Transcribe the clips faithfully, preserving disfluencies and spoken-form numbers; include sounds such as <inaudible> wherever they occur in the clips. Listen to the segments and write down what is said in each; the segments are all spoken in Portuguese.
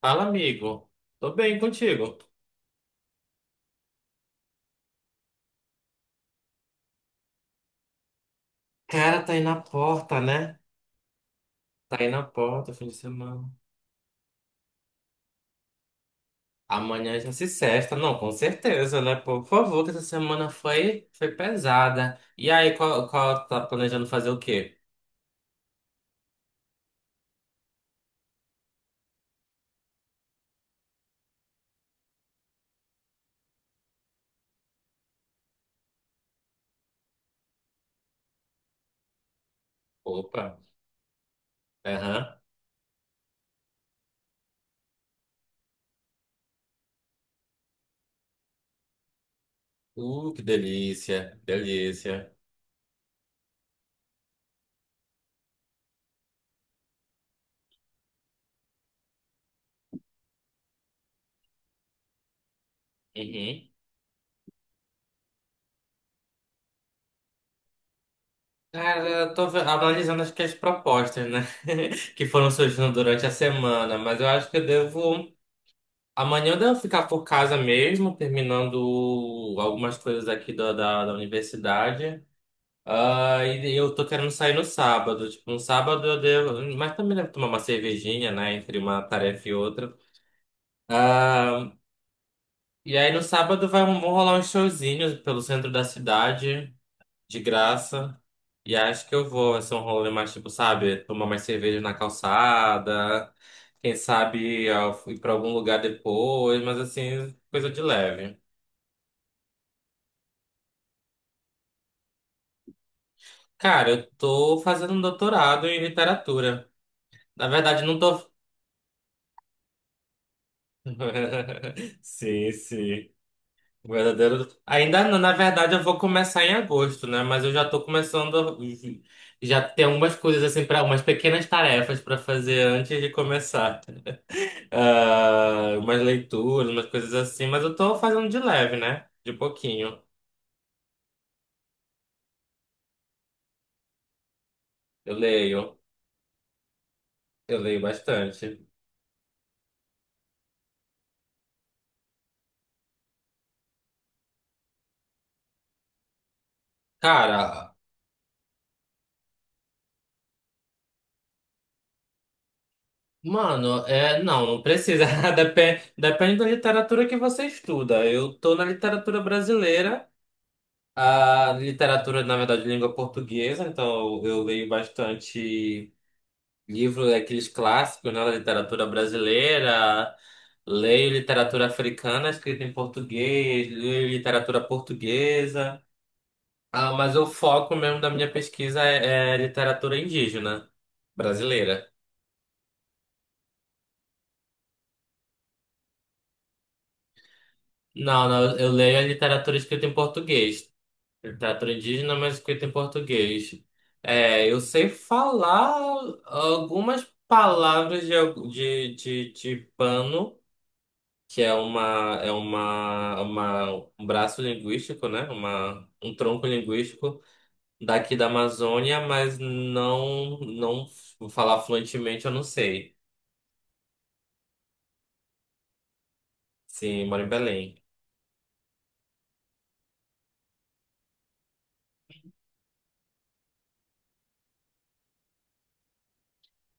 Fala, amigo. Tô bem contigo. Cara, tá aí na porta, né? Tá aí na porta, fim de semana. Amanhã já se sexta. Não, com certeza, né? Pô, por favor, que essa semana foi, foi pesada. E aí, qual, qual tá planejando fazer o quê? Opa. Aham. Uh, que delícia. Delícia. Uhum. Cara, eu tô ve- analisando acho que as propostas, né? <laughs> Que foram surgindo durante a semana. Mas eu acho que eu devo. Amanhã eu devo ficar por casa mesmo, terminando algumas coisas aqui da, da, da universidade. Ah, e eu tô querendo sair no sábado. Tipo, no sábado eu devo. Mas também devo tomar uma cervejinha, né? Entre uma tarefa e outra. Ah, e aí no sábado vai, vão rolar uns showzinhos pelo centro da cidade, de graça. E acho que eu vou. Vai ser um rolê mais, tipo, sabe? Tomar mais cerveja na calçada. Quem sabe ah, ir pra algum lugar depois. Mas assim, coisa de leve. Cara, eu tô fazendo um doutorado em literatura. Na verdade, não tô. <laughs> Sim, sim. O verdadeiro. Ainda não, na verdade, eu vou começar em agosto, né? Mas eu já tô começando. a- Já tem algumas coisas, assim, para umas pequenas tarefas pra fazer antes de começar. Ah, umas leituras, umas coisas assim. Mas eu tô fazendo de leve, né? De pouquinho. Eu leio. Eu leio bastante. Cara. Mano, é, não, não precisa. <laughs> Depen- Depende, da literatura que você estuda. Eu tô na literatura brasileira, a literatura, na verdade, de língua portuguesa, então eu leio bastante livro, aqueles clássicos, né, da literatura brasileira. Leio literatura africana escrita em português, leio literatura portuguesa. Ah, mas o foco mesmo da minha pesquisa é é literatura indígena brasileira. Não, não, eu leio a literatura escrita em português. Ele teatro indígena, mas escrito em português. É, eu sei falar algumas palavras de, algu- de, de, de pano, que é uma, é uma, uma, um braço linguístico, né? Uma, um tronco linguístico daqui da Amazônia, mas não, não vou falar fluentemente, eu não sei. Sim, moro em Belém.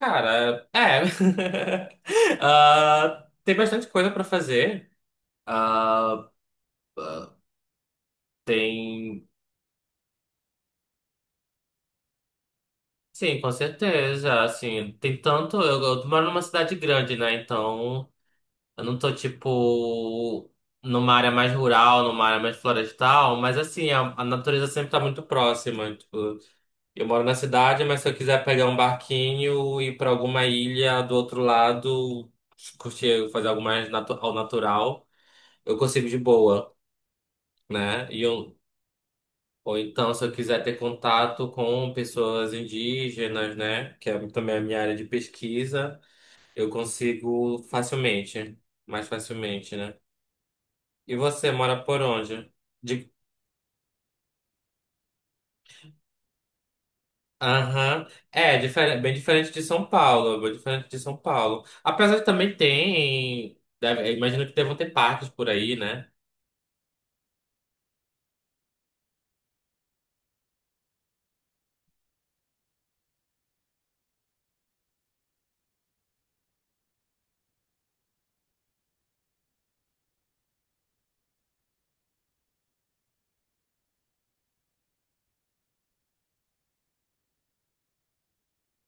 Cara, é. <laughs> Ah, tem bastante coisa para fazer. Ah, tem. Sim, com certeza. Assim, tem tanto. Eu, eu moro numa cidade grande, né? Então, eu não tô, tipo, numa área mais rural, numa área mais florestal, mas, assim, a, a natureza sempre tá muito próxima. Tipo, eu moro na cidade, mas se eu quiser pegar um barquinho e ir pra alguma ilha do outro lado, curtir, fazer algo mais natu- ao natural, eu consigo de boa, né? E eu, ou então, se eu quiser ter contato com pessoas indígenas, né, que é também a minha área de pesquisa, eu consigo facilmente, mais facilmente, né? E você mora por onde? De... Aham. É, diferente, bem diferente de São Paulo, bem diferente de São Paulo. Apesar que também tem, deve- eu imagino que devam ter parques por aí, né?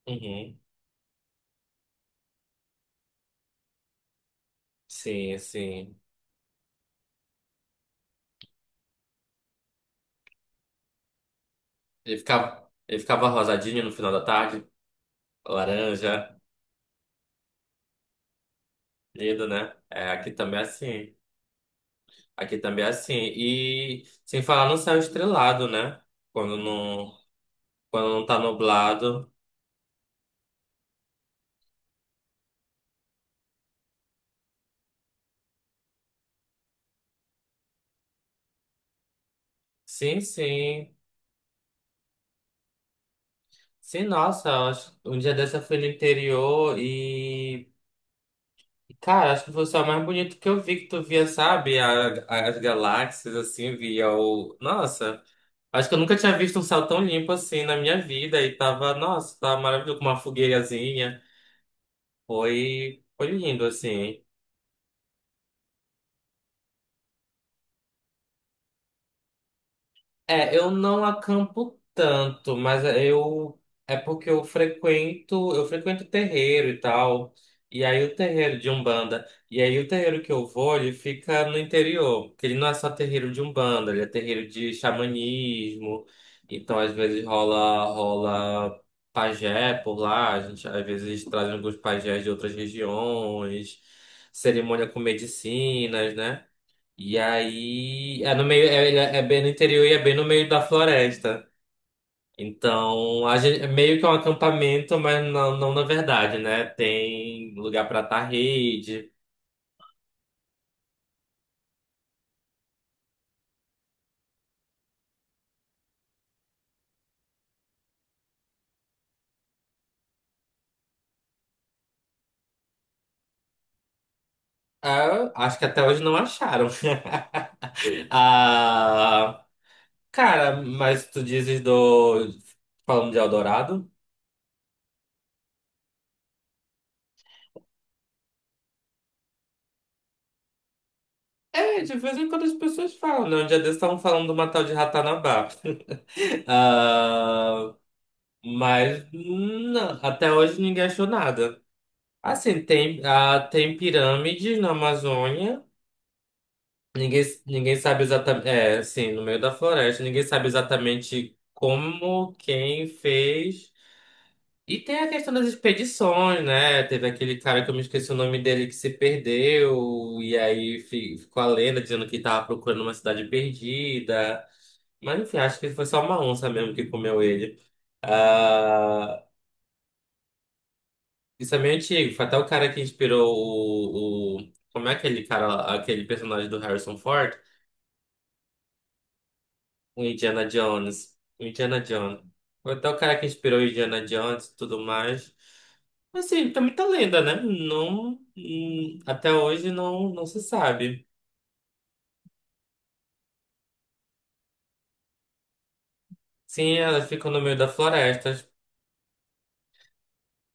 Uhum. Sim, sim. Ele ficava, ele ficava rosadinho no final da tarde, laranja, lindo, né? É, aqui também é assim. Aqui também é assim. E sem falar no céu estrelado, né? Quando não, quando não tá nublado. Sim, sim. Sim, nossa, eu acho- um dia dessa eu fui no interior e. Cara, acho que foi o céu mais bonito que eu vi, que tu via, sabe? A- as galáxias, assim, via o. Nossa, acho que eu nunca tinha visto um céu tão limpo assim na minha vida. E tava, nossa, tava maravilhoso com uma fogueirazinha. Foi, foi lindo, assim. É, eu não acampo tanto, mas é, eu é porque eu frequento, eu frequento terreiro e tal. E aí o terreiro de Umbanda, e aí o terreiro que eu vou, ele fica no interior, porque ele não é só terreiro de Umbanda, ele é terreiro de xamanismo. Então às vezes rola rola pajé por lá, a gente às vezes traz alguns pajés de outras regiões, cerimônia com medicinas, né? E aí é no meio, é, ele é bem no interior e é bem no meio da floresta. Então, a gente, é meio que um acampamento, mas não, não na verdade, né? Tem lugar para atar rede. Ah, acho que até hoje não acharam. <laughs> Ah, cara, mas tu dizes do falando de Eldorado? É, de vez em quando as pessoas falam, né? Um dia desses estavam falando do Matal de Ratanabá. <laughs> Ah, mas hum, não, até hoje ninguém achou nada. Assim, tem, ah, tem pirâmides na Amazônia. Ninguém, ninguém sabe exatamente. É, assim, no meio da floresta, ninguém sabe exatamente como, quem fez. E tem a questão das expedições, né? Teve aquele cara que eu me esqueci o nome dele que se perdeu, e aí fi- ficou a lenda dizendo que estava procurando uma cidade perdida. Mas enfim, acho que foi só uma onça mesmo que comeu ele. Ah, isso é meio antigo. Foi até o cara que inspirou o, o... Como é aquele cara, lá, aquele personagem do Harrison Ford? O Indiana Jones. O Indiana Jones. Foi até o cara que inspirou o Indiana Jones e tudo mais. Assim, tá muita lenda, né? Não, hum, até hoje não, não se sabe. Sim, elas ficam no meio da floresta.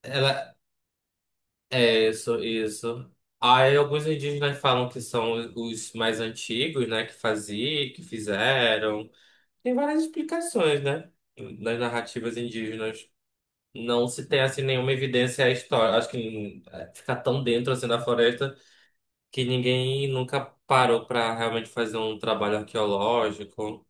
Ela, é isso, isso. Aí alguns indígenas falam que são os mais antigos, né? Que faziam, que fizeram. Tem várias explicações, né? Nas narrativas indígenas não se tem assim nenhuma evidência histórica. Acho que eh, fica tão dentro assim da floresta que ninguém nunca parou para realmente fazer um trabalho arqueológico.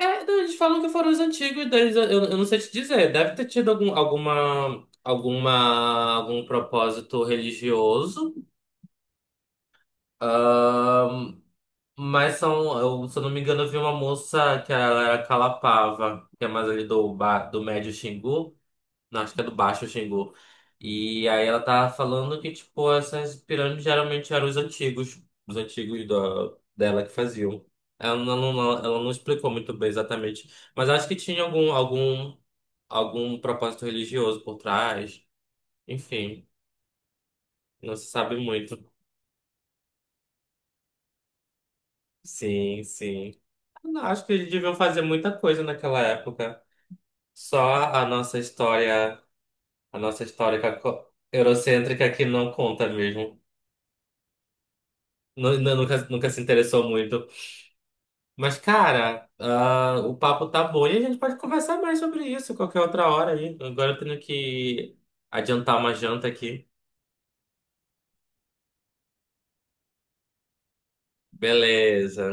É, não, eles falam que foram os antigos deles. Eu, eu não sei te dizer. Deve ter tido algum, alguma, alguma, algum propósito religioso. Mas são, eu, se eu não me engano, eu vi uma moça que ela era Calapava, que é mais ali do, ba, do médio Xingu, não, acho que é do baixo Xingu. E aí ela tava falando que, tipo, essas pirâmides geralmente eram os antigos, os antigos da, dela que faziam. Ela não, não- não- ela não explicou muito bem exatamente, mas acho que tinha algum, algum, algum propósito religioso por trás. Enfim, não se sabe muito. Sim, sim. Não, acho que eles deviam fazer muita coisa naquela época. Só a nossa história, a nossa história caco- eurocêntrica que não conta mesmo. Nu- nu- Nunca, nunca se interessou muito. Mas, cara, ah, o papo tá bom e a gente pode conversar mais sobre isso qualquer outra hora aí. Agora eu tenho que adiantar uma janta aqui. Beleza.